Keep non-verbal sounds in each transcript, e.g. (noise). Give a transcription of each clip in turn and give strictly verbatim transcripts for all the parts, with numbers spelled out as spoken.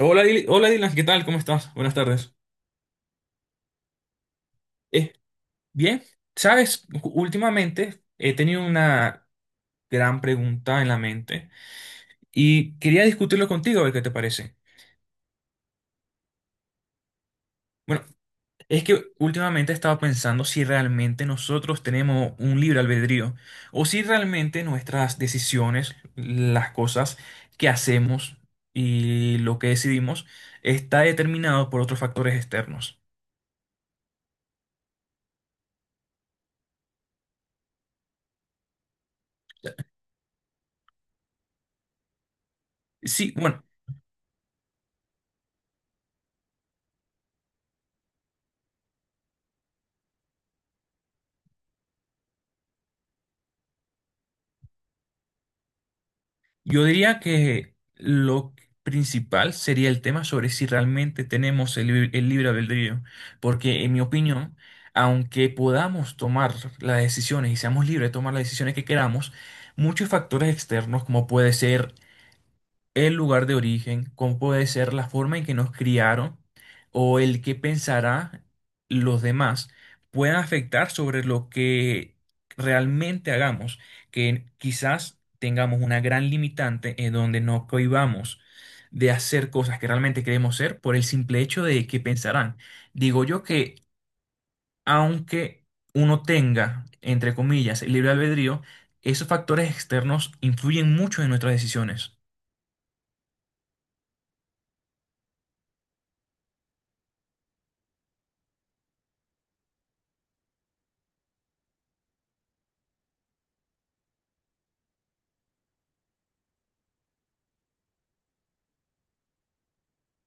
Hola, Dil- hola Dylan, ¿qué tal? ¿Cómo estás? Buenas tardes. Eh, Bien, sabes, últimamente he tenido una gran pregunta en la mente y quería discutirlo contigo, a ver qué te parece. Bueno, es que últimamente he estado pensando si realmente nosotros tenemos un libre albedrío o si realmente nuestras decisiones, las cosas que hacemos y lo que decidimos está determinado por otros factores externos. Sí, bueno. Yo diría que lo principal sería el tema sobre si realmente tenemos el, lib- el libre albedrío, porque en mi opinión, aunque podamos tomar las decisiones y seamos libres de tomar las decisiones que queramos, muchos factores externos, como puede ser el lugar de origen, cómo puede ser la forma en que nos criaron o el que pensará los demás puedan afectar sobre lo que realmente hagamos, que quizás tengamos una gran limitante en donde no cohibamos de hacer cosas que realmente queremos ser por el simple hecho de que pensarán. Digo yo que aunque uno tenga, entre comillas, el libre albedrío, esos factores externos influyen mucho en nuestras decisiones.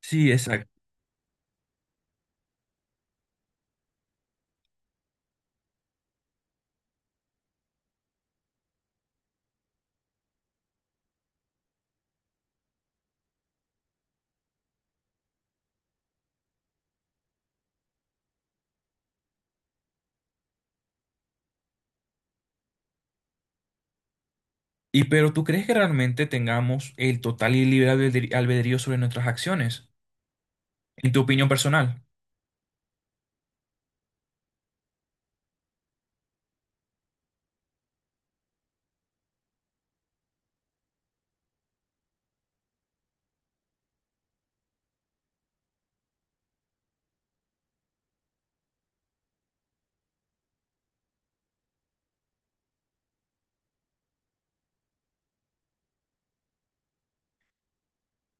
Sí, y pero ¿tú crees que realmente tengamos el total y libre albedri- albedrío sobre nuestras acciones? En tu opinión personal.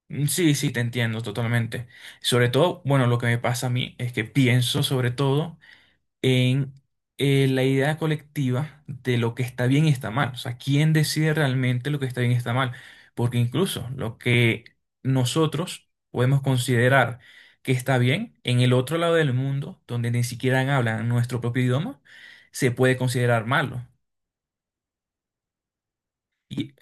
Mm, sí, sí, te entiendo totalmente. Sobre todo, bueno, lo que me pasa a mí es que pienso sobre todo en eh, la idea colectiva de lo que está bien y está mal. O sea, ¿quién decide realmente lo que está bien y está mal? Porque incluso lo que nosotros podemos considerar que está bien en el otro lado del mundo, donde ni siquiera hablan nuestro propio idioma, se puede considerar malo. Y,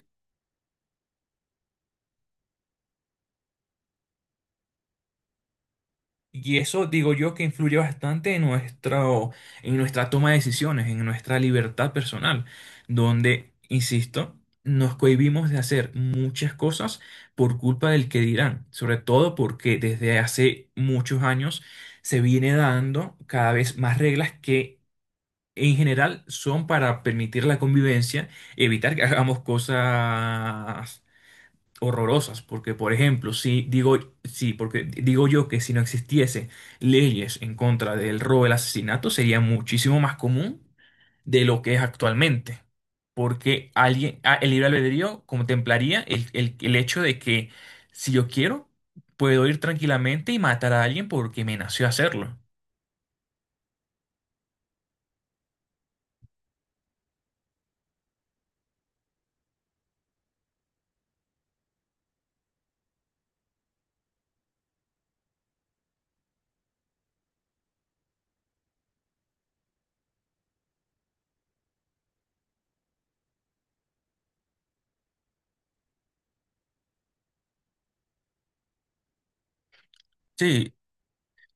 y eso digo yo que influye bastante en nuestro, en nuestra toma de decisiones, en nuestra libertad personal, donde, insisto, nos cohibimos de hacer muchas cosas por culpa del que dirán, sobre todo porque desde hace muchos años se viene dando cada vez más reglas que en general son para permitir la convivencia, evitar que hagamos cosas horrorosas, porque por ejemplo, si digo, sí, porque digo yo que si no existiese leyes en contra del robo, el asesinato, sería muchísimo más común de lo que es actualmente, porque alguien, ah, el libre albedrío contemplaría el, el, el hecho de que si yo quiero, puedo ir tranquilamente y matar a alguien porque me nació hacerlo. Sí,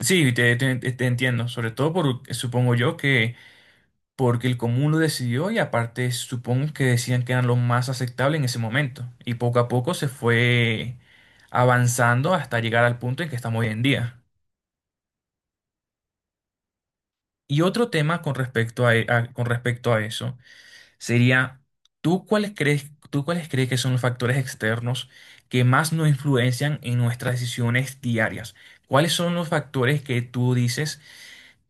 sí, te, te- te entiendo, sobre todo por, supongo yo que porque el común lo decidió y aparte supongo que decían que era lo más aceptable en ese momento. Y poco a poco se fue avanzando hasta llegar al punto en que estamos hoy en día. Y otro tema con respecto a, e- a- con respecto a eso sería, ¿tú cuáles crees, ¿tú cuáles crees que son los factores externos que más nos influencian en nuestras decisiones diarias? ¿Cuáles son los factores que tú dices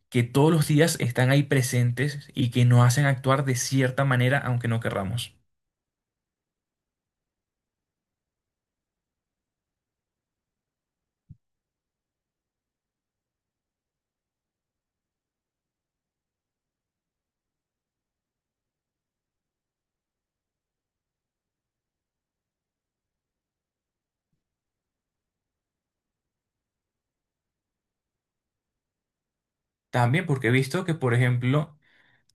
que todos los días están ahí presentes y que nos hacen actuar de cierta manera aunque no querramos? También porque he visto que, por ejemplo,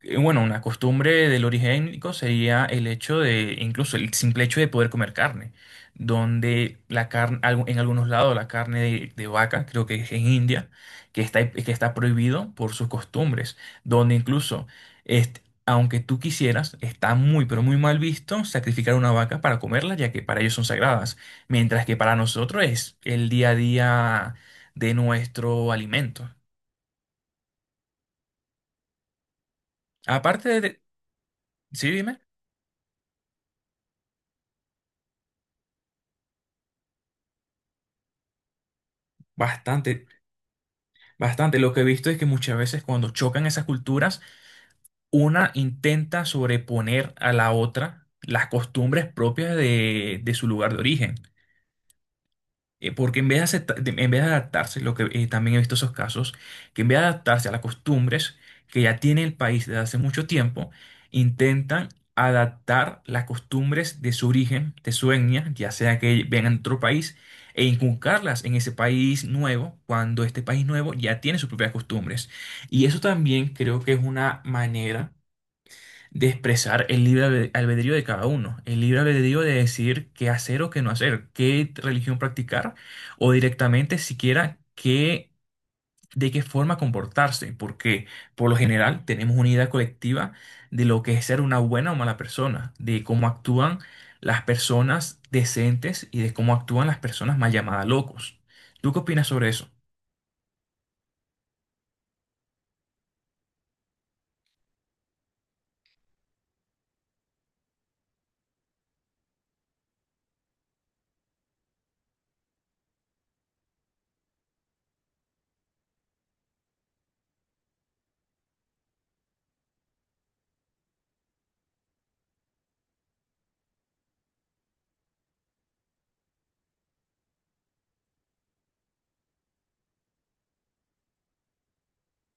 eh, bueno, una costumbre del origen origénico sería el hecho de, incluso el simple hecho de poder comer carne, donde la carne, en algunos lados la carne de, de vaca, creo que es en India, que está, que está prohibido por sus costumbres, donde incluso, este, aunque tú quisieras, está muy, pero muy mal visto sacrificar una vaca para comerla, ya que para ellos son sagradas, mientras que para nosotros es el día a día de nuestro alimento. Aparte de, sí, dime. Bastante, bastante. Lo que he visto es que muchas veces cuando chocan esas culturas, una intenta sobreponer a la otra las costumbres propias de, de su lugar de origen. Eh, porque en vez de, acepta- de- en vez de adaptarse, lo que eh, también he visto esos casos, que en vez de adaptarse a las costumbres que ya tiene el país desde hace mucho tiempo, intentan adaptar las costumbres de su origen, de su etnia, ya sea que vengan de otro país, e inculcarlas en ese país nuevo, cuando este país nuevo ya tiene sus propias costumbres. Y eso también creo que es una manera de expresar el libre albe- albedrío de cada uno, el libre albedrío de decidir qué hacer o qué no hacer, qué religión practicar o directamente siquiera qué, de qué forma comportarse, porque por lo general tenemos una idea colectiva de lo que es ser una buena o mala persona, de cómo actúan las personas decentes y de cómo actúan las personas mal llamadas locos. ¿Tú qué opinas sobre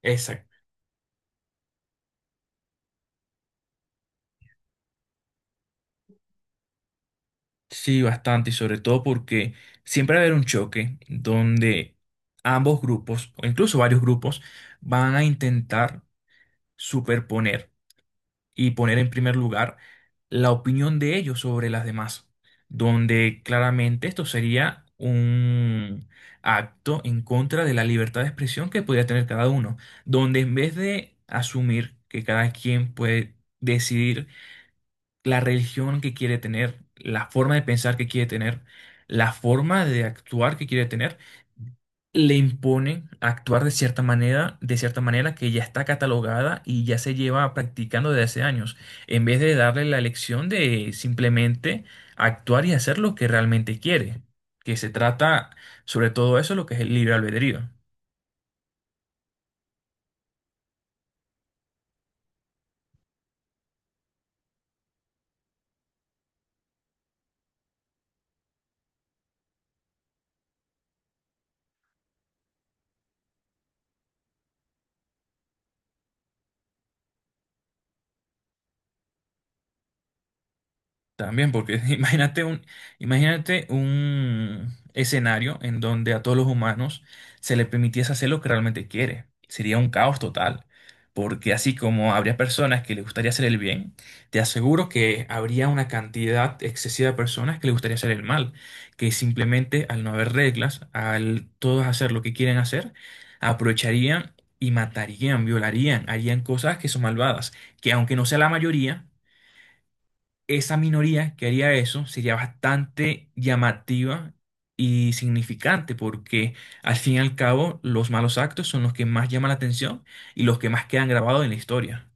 eso? Sí, bastante, y sobre todo porque siempre va a haber un choque donde ambos grupos, o incluso varios grupos, van a intentar superponer y poner en primer lugar la opinión de ellos sobre las demás, donde claramente esto sería un acto en contra de la libertad de expresión que podría tener cada uno, donde en vez de asumir que cada quien puede decidir la religión que quiere tener, la forma de pensar que quiere tener, la forma de actuar que quiere tener, le imponen actuar de cierta manera, de cierta manera que ya está catalogada y ya se lleva practicando desde hace años, en vez de darle la elección de simplemente actuar y hacer lo que realmente quiere, que se trata sobre todo eso, lo que es el libre albedrío. También, porque (laughs) imagínate un, imagínate un escenario en donde a todos los humanos se les permitiese hacer lo que realmente quiere. Sería un caos total, porque así como habría personas que les gustaría hacer el bien, te aseguro que habría una cantidad excesiva de personas que les gustaría hacer el mal, que simplemente al no haber reglas, al todos hacer lo que quieren hacer, aprovecharían y matarían, violarían, harían cosas que son malvadas, que aunque no sea la mayoría, esa minoría que haría eso sería bastante llamativa y significante porque al fin y al cabo los malos actos son los que más llaman la atención y los que más quedan grabados en la historia.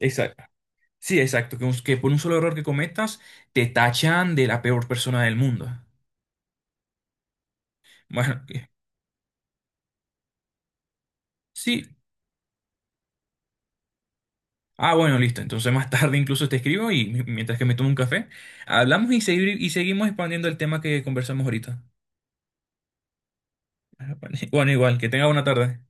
Exacto. Sí, exacto. Que, un- que por un solo error que cometas te tachan de la peor persona del mundo. Bueno, que- sí. Ah, bueno, listo. Entonces más (laughs) tarde incluso te escribo y mi- mientras que me tomo un café, hablamos y, segui- y seguimos expandiendo el tema que conversamos ahorita. (laughs) Bueno, igual, que tenga buena tarde.